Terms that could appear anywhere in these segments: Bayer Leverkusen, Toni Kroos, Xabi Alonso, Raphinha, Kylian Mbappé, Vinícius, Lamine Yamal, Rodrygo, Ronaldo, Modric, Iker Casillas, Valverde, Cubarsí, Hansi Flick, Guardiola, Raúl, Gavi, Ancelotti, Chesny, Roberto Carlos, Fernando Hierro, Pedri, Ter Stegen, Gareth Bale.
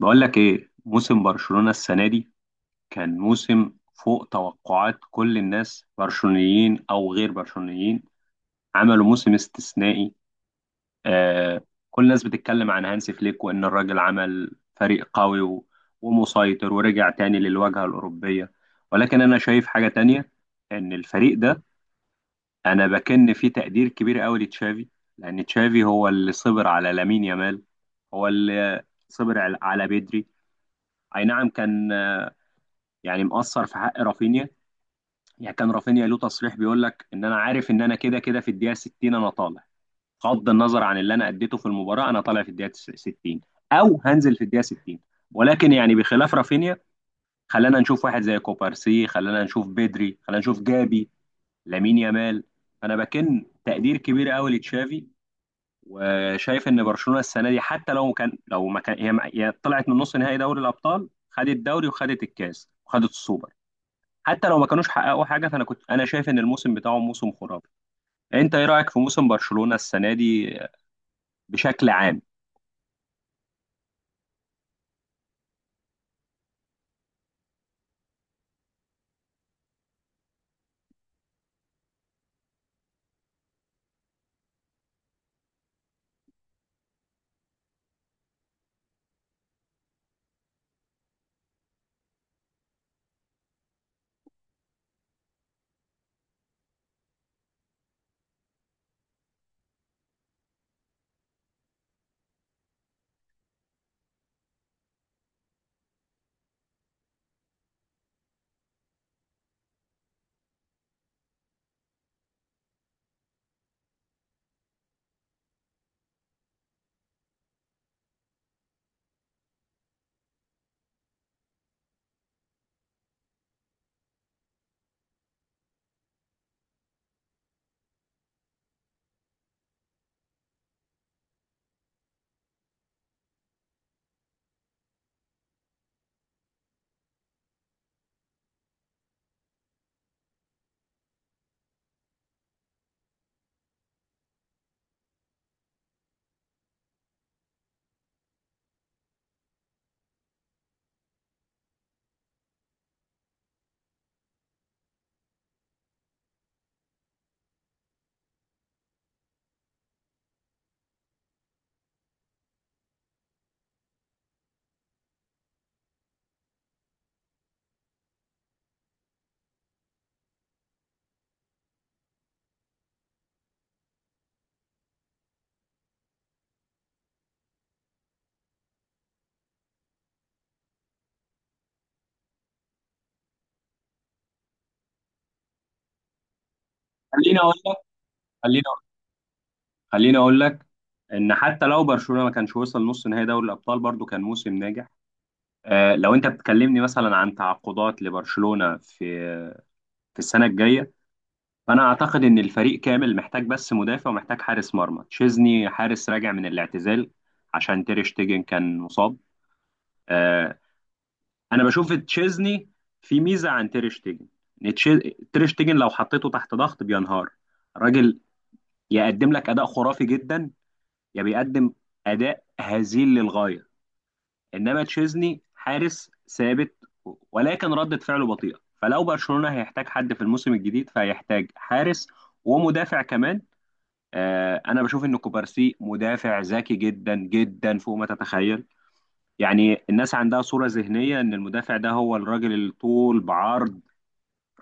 بقول لك ايه موسم برشلونة السنة دي؟ كان موسم فوق توقعات كل الناس، برشلونيين او غير برشلونيين. عملوا موسم استثنائي. آه كل الناس بتتكلم عن هانسي فليك وان الراجل عمل فريق قوي ومسيطر ورجع تاني للواجهة الأوروبية. ولكن انا شايف حاجة تانية، ان الفريق ده، انا بكن فيه تقدير كبير قوي لتشافي. لان تشافي هو اللي صبر على لامين يامال، هو اللي صبر على بيدري. اي نعم، كان يعني مقصر في حق رافينيا. يعني كان رافينيا له تصريح بيقول لك ان انا عارف ان انا كده كده في الدقيقه 60 انا طالع. بغض النظر عن اللي انا اديته في المباراه، انا طالع في الدقيقه 60 او هنزل في الدقيقه 60. ولكن يعني بخلاف رافينيا، خلانا نشوف واحد زي كوبارسي، خلانا نشوف بدري، خلانا نشوف جابي، لامين يامال. انا بكن تقدير كبير قوي لتشافي، وشايف ان برشلونه السنه دي حتى لو كان، لو ما كان هي طلعت من نص نهائي دوري الابطال، خدت الدوري وخدت الكاس وخدت السوبر. حتى لو ما كانوش حققوا حاجه، فانا كنت، انا شايف ان الموسم بتاعهم موسم خرافي. انت ايه رايك في موسم برشلونه السنه دي بشكل عام؟ خليني اقول لك، خليني أقول- خليني اقول لك ان حتى لو برشلونه ما كانش وصل نص نهائي دوري الابطال، برضو كان موسم ناجح. آه، لو انت بتكلمني مثلا عن تعاقدات لبرشلونه في السنه الجايه، فانا اعتقد ان الفريق كامل محتاج بس مدافع ومحتاج حارس مرمى. تشيزني حارس راجع من الاعتزال عشان تير شتيجن كان مصاب. آه، انا بشوف تشيزني في ميزه عن تير شتيجن. ان تير شتيجن لو حطيته تحت ضغط بينهار. الراجل يقدم لك اداء خرافي جدا، يا بيقدم اداء هزيل للغايه. انما تشيزني حارس ثابت، ولكن ردة فعله بطيئه. فلو برشلونه هيحتاج حد في الموسم الجديد، فهيحتاج حارس ومدافع كمان. انا بشوف ان كوبارسي مدافع ذكي جدا جدا فوق ما تتخيل. يعني الناس عندها صورة ذهنية إن المدافع ده هو الراجل اللي طول بعرض،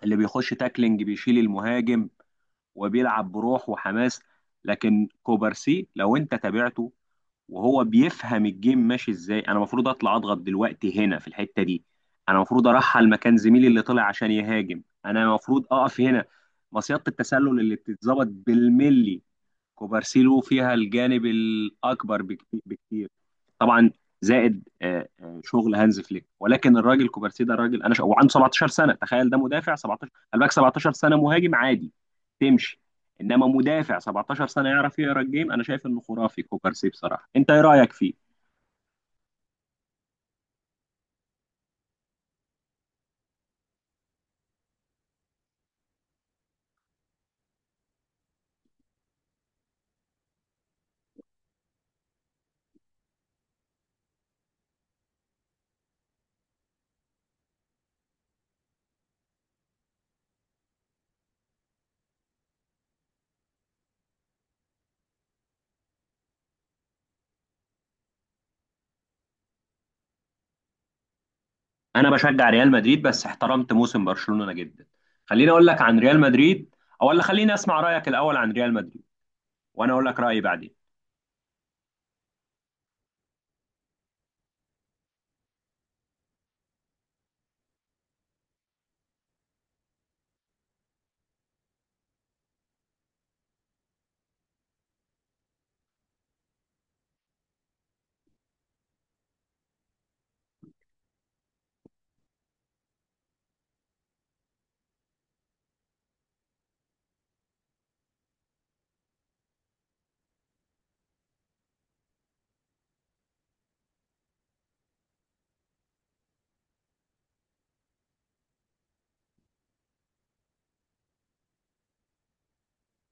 اللي بيخش تاكلينج بيشيل المهاجم وبيلعب بروح وحماس. لكن كوبارسي لو انت تابعته، وهو بيفهم الجيم ماشي ازاي، انا المفروض اطلع اضغط دلوقتي هنا في الحتة دي، انا المفروض ارحل مكان زميلي اللي طلع عشان يهاجم، انا المفروض اقف هنا. مصيدة التسلل اللي بتتظبط بالملي، كوبارسي له فيها الجانب الاكبر بكتير. طبعا، زائد شغل هانز فليك. ولكن الراجل كوبارسي ده راجل، وعنده 17 سنه. تخيل، ده مدافع 17، قال لك 17 سنه مهاجم عادي، تمشي. انما مدافع 17 سنه يعرف يقرا الجيم، انا شايف انه خرافي كوبارسي بصراحه. انت ايه رايك فيه؟ انا بشجع ريال مدريد بس احترمت موسم برشلونة جدا. خليني اقول لك عن ريال مدريد، او ولا خليني اسمع رايك الاول عن ريال مدريد وانا اقول لك رايي بعدين.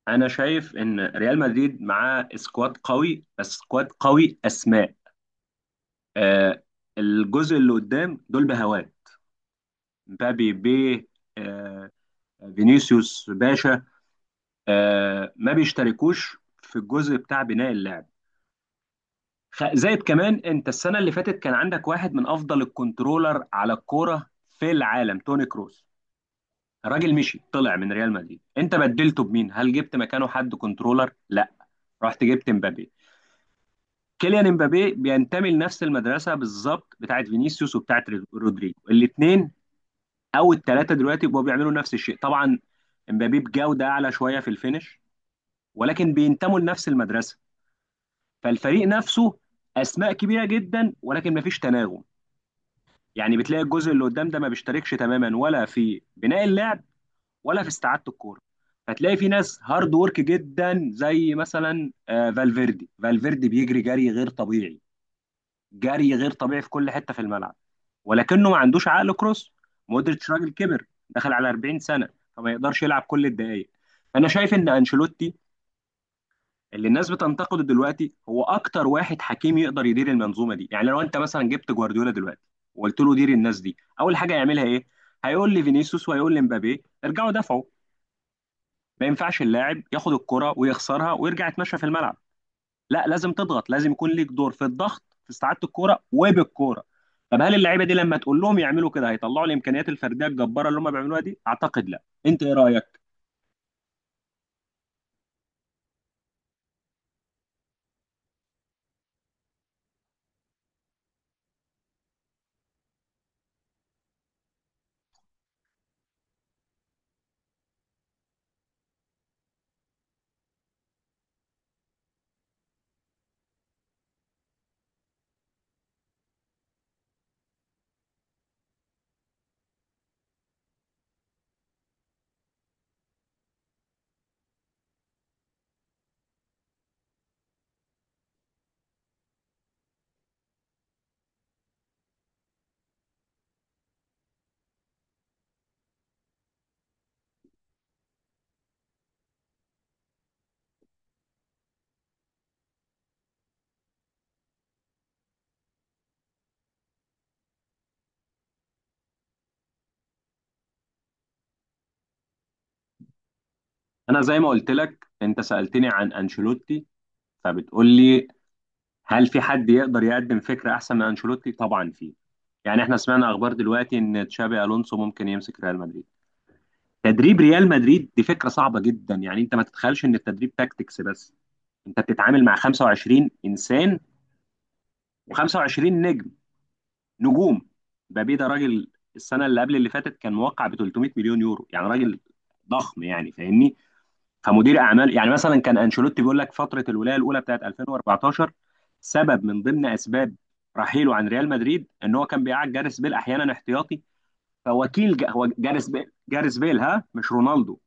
انا شايف ان ريال مدريد معاه سكواد قوي، بس سكواد قوي اسماء. آه الجزء اللي قدام دول بهواه. مبابي بيه، آه فينيسيوس باشا. ما بيشتركوش في الجزء بتاع بناء اللعب. زائد كمان، انت السنه اللي فاتت كان عندك واحد من افضل الكنترولر على الكوره في العالم، توني كروس. الراجل مشي طلع من ريال مدريد، انت بدلته بمين؟ هل جبت مكانه حد كنترولر؟ لا، رحت جبت مبابي. كيليان امبابي بينتمي لنفس المدرسه بالظبط بتاعت فينيسيوس وبتاعت رودريجو. الاثنين او الثلاثه دلوقتي بقوا بيعملوا نفس الشيء. طبعا امبابي بجوده اعلى شويه في الفينش، ولكن بينتموا لنفس المدرسه. فالفريق نفسه اسماء كبيره جدا ولكن مفيش تناغم. يعني بتلاقي الجزء اللي قدام ده ما بيشتركش تماما، ولا في بناء اللعب ولا في استعاده الكوره. فتلاقي في ناس هارد ورك جدا، زي مثلا فالفيردي بيجري جري غير طبيعي، جري غير طبيعي في كل حته في الملعب، ولكنه ما عندوش عقل كروس. مودريتش راجل كبر، دخل على 40 سنه، فما يقدرش يلعب كل الدقائق. انا شايف ان انشيلوتي اللي الناس بتنتقده دلوقتي، هو اكتر واحد حكيم يقدر يدير المنظومه دي. يعني لو انت مثلا جبت جوارديولا دلوقتي، وقلت له دير الناس دي، اول حاجه يعملها ايه؟ هيقول لي فينيسيوس وهيقول لي مبابي ارجعوا دافعوا. ما ينفعش اللاعب ياخد الكرة ويخسرها ويرجع يتمشى في الملعب. لا، لازم تضغط، لازم يكون ليك دور في الضغط في استعاده الكوره وبالكوره. طب هل اللعيبه دي لما تقول لهم يعملوا كده هيطلعوا الامكانيات الفرديه الجباره اللي هم بيعملوها دي؟ اعتقد لا. انت ايه رايك؟ انا زي ما قلت لك، انت سالتني عن انشيلوتي، فبتقول لي هل في حد يقدر يقدم فكره احسن من انشيلوتي؟ طبعا في. يعني احنا سمعنا اخبار دلوقتي ان تشابي الونسو ممكن يمسك ريال مدريد. تدريب ريال مدريد دي فكره صعبه جدا. يعني انت ما تتخيلش ان التدريب تاكتكس بس، انت بتتعامل مع 25 انسان و25 نجم، نجوم. مبابي ده راجل، السنه اللي قبل اللي فاتت كان موقع ب 300 مليون يورو. يعني راجل ضخم يعني فاهمني. فمدير اعمال، يعني مثلا كان انشيلوتي بيقول لك فتره الولايه الاولى بتاعت 2014، سبب من ضمن اسباب رحيله عن ريال مدريد ان هو كان بيقعد جاريس بيل احيانا احتياطي. هو جاريس بيل، جاريس بيل، ها، مش رونالدو.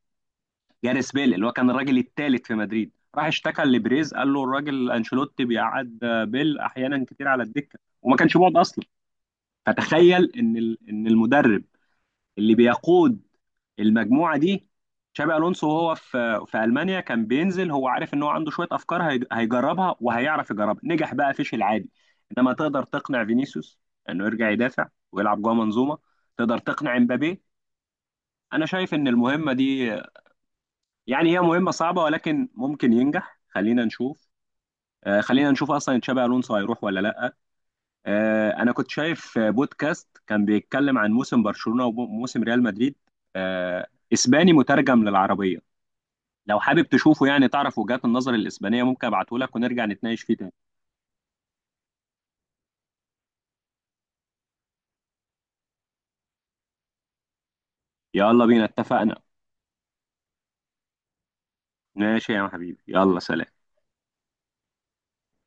جاريس بيل اللي هو كان الراجل الثالث في مدريد، راح اشتكى لبريز، قال له الراجل انشيلوتي بيقعد بيل احيانا كتير على الدكه، وما كانش بيقعد اصلا. فتخيل ان المدرب اللي بيقود المجموعه دي. شابي الونسو وهو في المانيا كان بينزل، هو عارف ان هو عنده شويه افكار هيجربها وهيعرف يجربها. نجح بقى فشل عادي. انما تقدر تقنع فينيسيوس انه يرجع يدافع ويلعب جوه منظومه؟ تقدر تقنع امبابي؟ انا شايف ان المهمه دي يعني هي مهمه صعبه ولكن ممكن ينجح. خلينا نشوف. خلينا نشوف اصلا تشابي الونسو هيروح ولا لا. انا كنت شايف بودكاست كان بيتكلم عن موسم برشلونة وموسم ريال مدريد، آه، اسباني مترجم للعربية. لو حابب تشوفه يعني تعرف وجهات النظر الاسبانية، ممكن ابعته لك ونرجع نتناقش فيه تاني. يلا بينا، اتفقنا. ماشي يا حبيبي، يلا سلام.